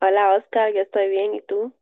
Hola Oscar, yo estoy bien, ¿y tú?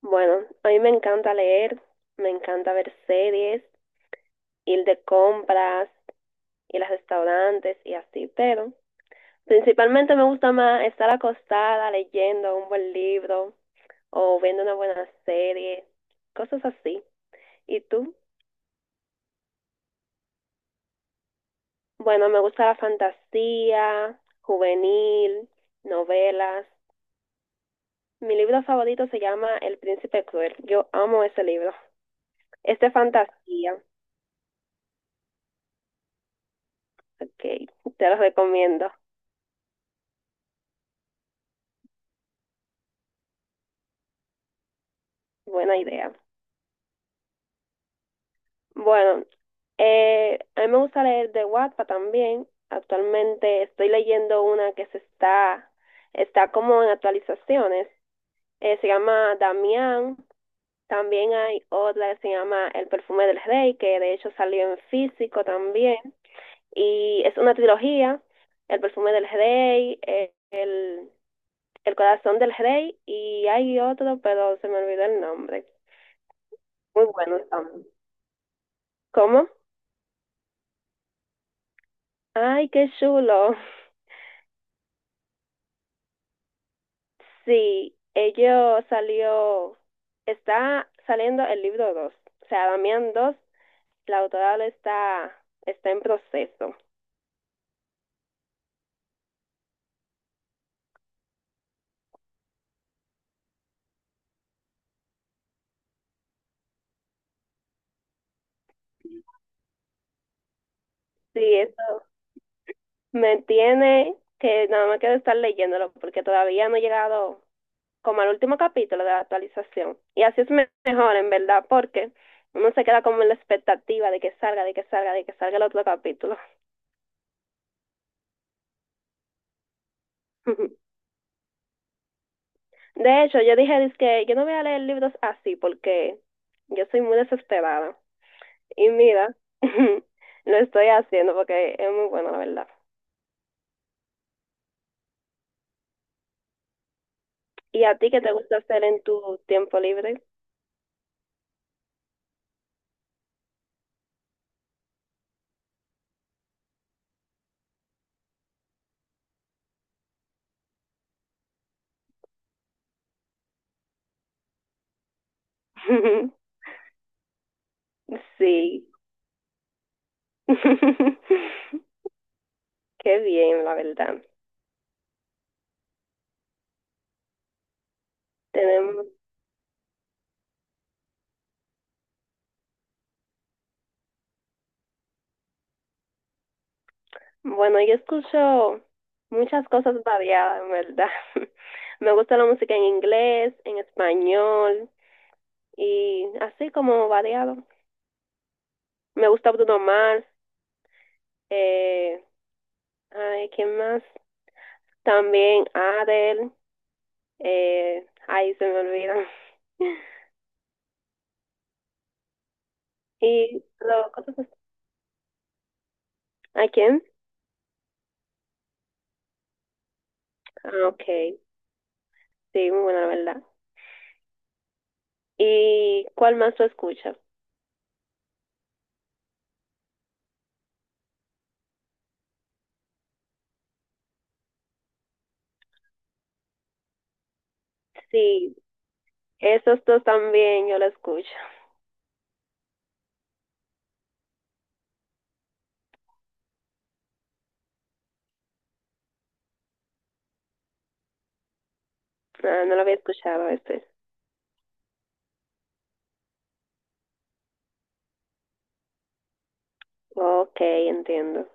Bueno, a mí me encanta leer, me encanta ver series, ir de compras, ir a restaurantes y así, pero principalmente me gusta más estar acostada leyendo un buen libro o viendo una buena serie, cosas así. ¿Y tú? Bueno, me gusta la fantasía, juvenil, novelas. Mi libro favorito se llama El Príncipe Cruel. Yo amo ese libro. Es de fantasía. Ok, te los recomiendo. Buena idea. Bueno, a mí me gusta leer de Wattpad también. Actualmente estoy leyendo una que está como en actualizaciones. Se llama Damián. También hay otra que se llama El perfume del rey, que de hecho salió en físico también. Y es una trilogía, El perfume del rey, el corazón del rey, y hay otro, pero se me olvidó el nombre. Muy bueno también. ¿Cómo? Ay, qué chulo. Sí, ello salió, está saliendo el libro 2, o sea, Damián dos, la autora está en proceso. Sí, eso me tiene que nada más quiero estar leyéndolo porque todavía no he llegado como al último capítulo de la actualización. Y así es mejor, en verdad, porque uno se queda como en la expectativa de que salga, de que salga, de que salga el otro capítulo. De hecho, yo dije, que yo no voy a leer libros así porque yo soy muy desesperada. Y mira, lo estoy haciendo porque es muy bueno, la verdad. ¿Y a ti qué te gusta hacer en tu tiempo libre? Sí. Qué bien, la verdad. Tenemos, bueno, yo escucho muchas cosas variadas, en verdad. Me gusta la música en inglés, en español y así como variado. Me gusta Bruno Mars, eh, ay, ¿quién más? También Adele. Ay, se me olvida. Y lo, cosas- ¿a quién? Ah, ok. Sí, muy buena, la verdad. ¿Y cuál más tú escuchas? Sí, esos dos también yo lo escucho. Ah, no lo había escuchado este. Ok, entiendo.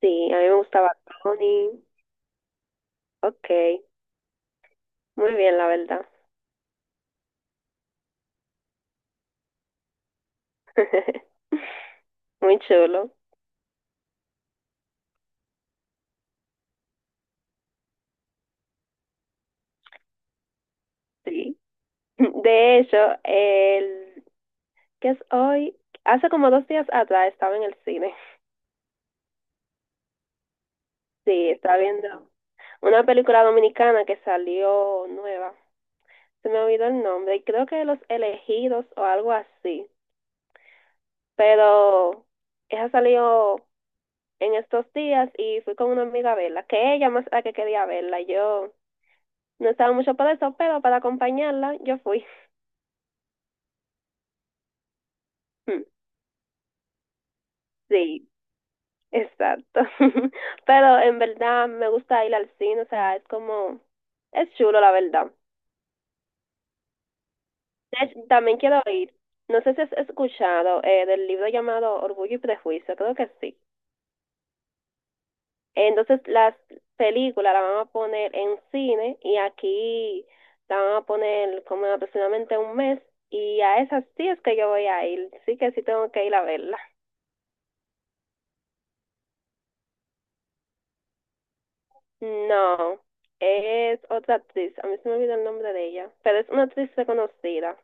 Sí, a mí me gustaba Tony. Ok, muy bien, la verdad. Muy chulo, sí. De hecho, el, ¿que es hoy? Hace como 2 días atrás estaba en el cine. Sí, estaba viendo una película dominicana que salió nueva. Se me olvidó el nombre y creo que Los Elegidos o algo así. Pero esa salió en estos días y fui con una amiga a verla, que ella más la que quería verla. Yo no estaba mucho para eso, pero para acompañarla yo fui. Mm, sí, exacto. Pero en verdad me gusta ir al cine, o sea, es como, es chulo la verdad. De hecho, también quiero oír, no sé si has escuchado del libro llamado Orgullo y Prejuicio, creo que sí. Entonces las películas las van a poner en cine y aquí la van a poner como en aproximadamente un mes y a esas sí es que yo voy a ir, sí que sí tengo que ir a verla. No, es otra actriz, a mí se me olvidó el nombre de ella, pero es una actriz reconocida,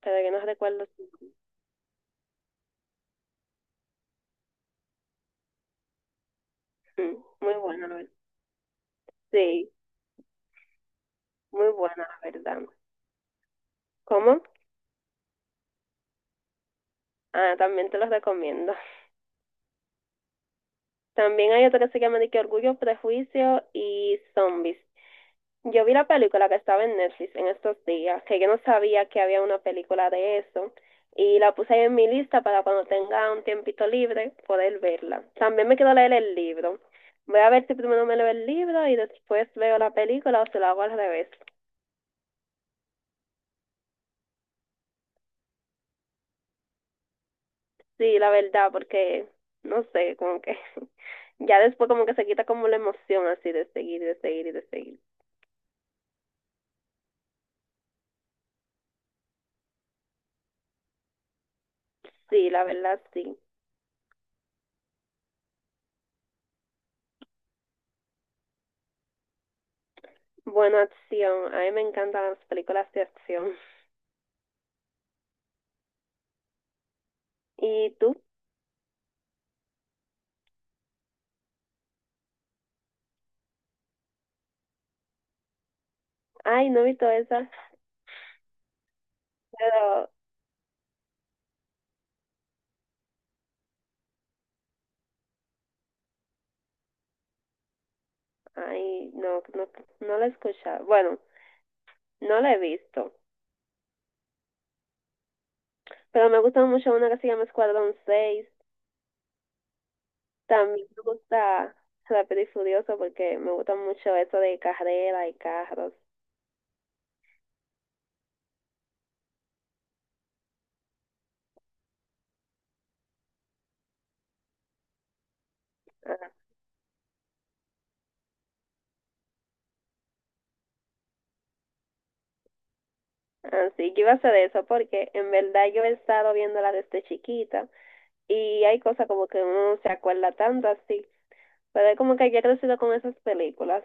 pero que no recuerdo. Mm, muy buena, la verdad. Sí, muy buena, la verdad. ¿Cómo? Ah, también te los recomiendo. También hay otro que se llama de que Orgullo, Prejuicio y Zombies. Yo vi la película que estaba en Netflix en estos días, que yo no sabía que había una película de eso, y la puse ahí en mi lista para cuando tenga un tiempito libre poder verla. También me quiero leer el libro. Voy a ver si primero me leo el libro y después veo la película o se lo hago al revés. Sí, la verdad, porque no sé, como que ya después como que se quita como la emoción así de seguir y de seguir. Sí, la verdad, sí. Buena acción. A mí me encantan las películas de acción. ¿Y tú? Ay, no he visto esa, pero ay, no, no, no la he escuchado. Bueno, no la he visto, pero me gusta mucho una que se llama Escuadrón seis. También me gusta Rápido y Furioso porque me gusta mucho eso de carrera y carros. Ajá. Así que iba a hacer eso porque en verdad yo he estado viéndola desde chiquita y hay cosas como que uno no se acuerda tanto así, pero es como que ya he crecido con esas películas.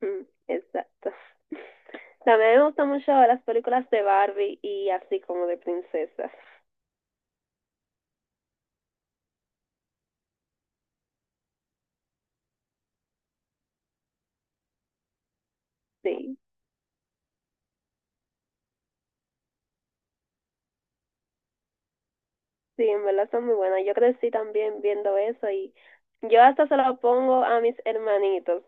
Mm, exacto. También me gustan mucho las películas de Barbie y así como de princesas. Sí, sí, en verdad son muy buenas. Yo crecí también viendo eso y yo hasta se lo pongo a mis hermanitos.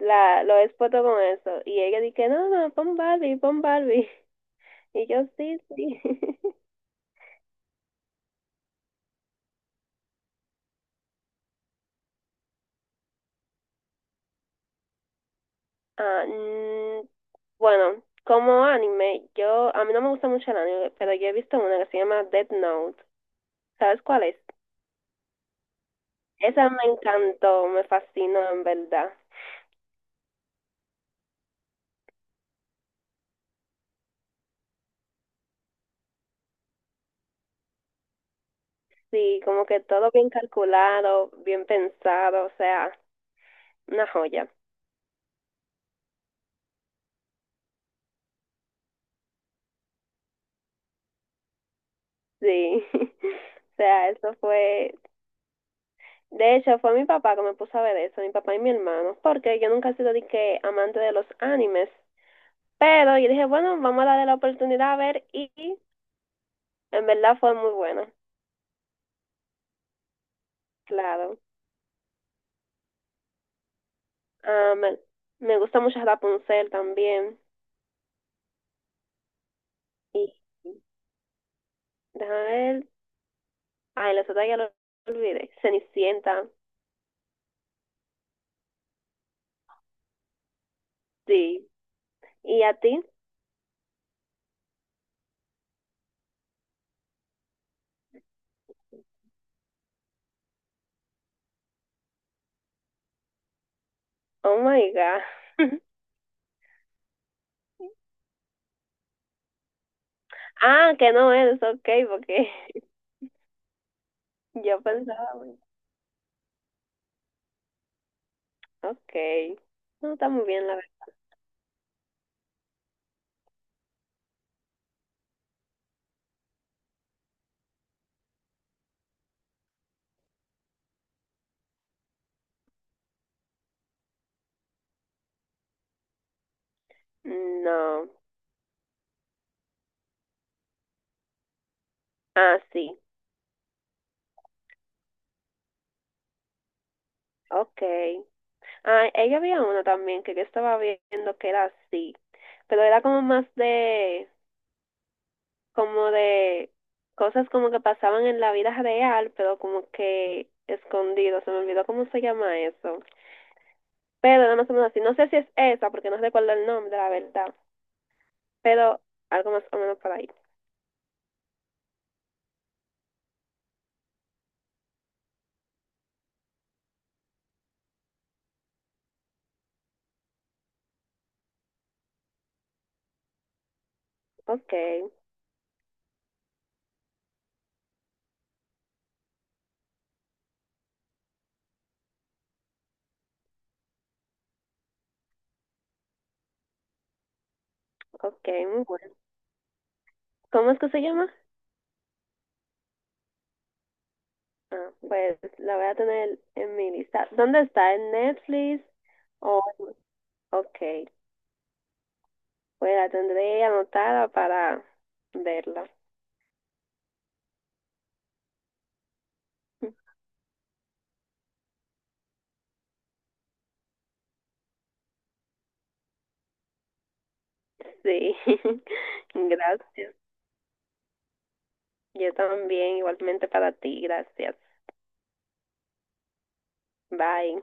Lo expoto con eso. Y ella dice, no, no, pon Barbie, pon Barbie. Y yo, sí, sí. Ah, bueno, como anime, a mí no me gusta mucho el anime, pero yo he visto una que se llama Death Note. ¿Sabes cuál es? Esa me encantó, me fascinó en verdad. Sí, como que todo bien calculado, bien pensado, o sea, una joya. Sí, o sea, eso fue, de hecho, fue mi papá que me puso a ver eso, mi papá y mi hermano, porque yo nunca he sido de que amante de los animes, pero yo dije, bueno, vamos a darle la oportunidad a ver y en verdad fue muy bueno, claro. Ah, me gusta mucho Rapunzel también y déjame ver, ay, las otras ya lo olvidé. Cenicienta, sí. ¿Y a ti? Oh my God. Ah, que no eres, ok, porque yo pensaba, bueno, ok. No está muy bien la verdad. No. Ah, sí. Ok. Ah, ella había una también que yo estaba viendo que era así, pero era como más de, como de cosas como que pasaban en la vida real, pero como que escondido. Se me olvidó cómo se llama eso. Pero era más o menos así. No sé si es esa, porque no recuerdo el nombre, la verdad. Pero algo más o menos por ahí. Ok, ok, muy bueno. ¿Cómo es que se llama? Ah, pues la voy a tener en mi lista. ¿Dónde está? ¿En Netflix? O ok, pues la tendré anotada para verla. Sí, gracias. Yo también, igualmente para ti, gracias. Bye.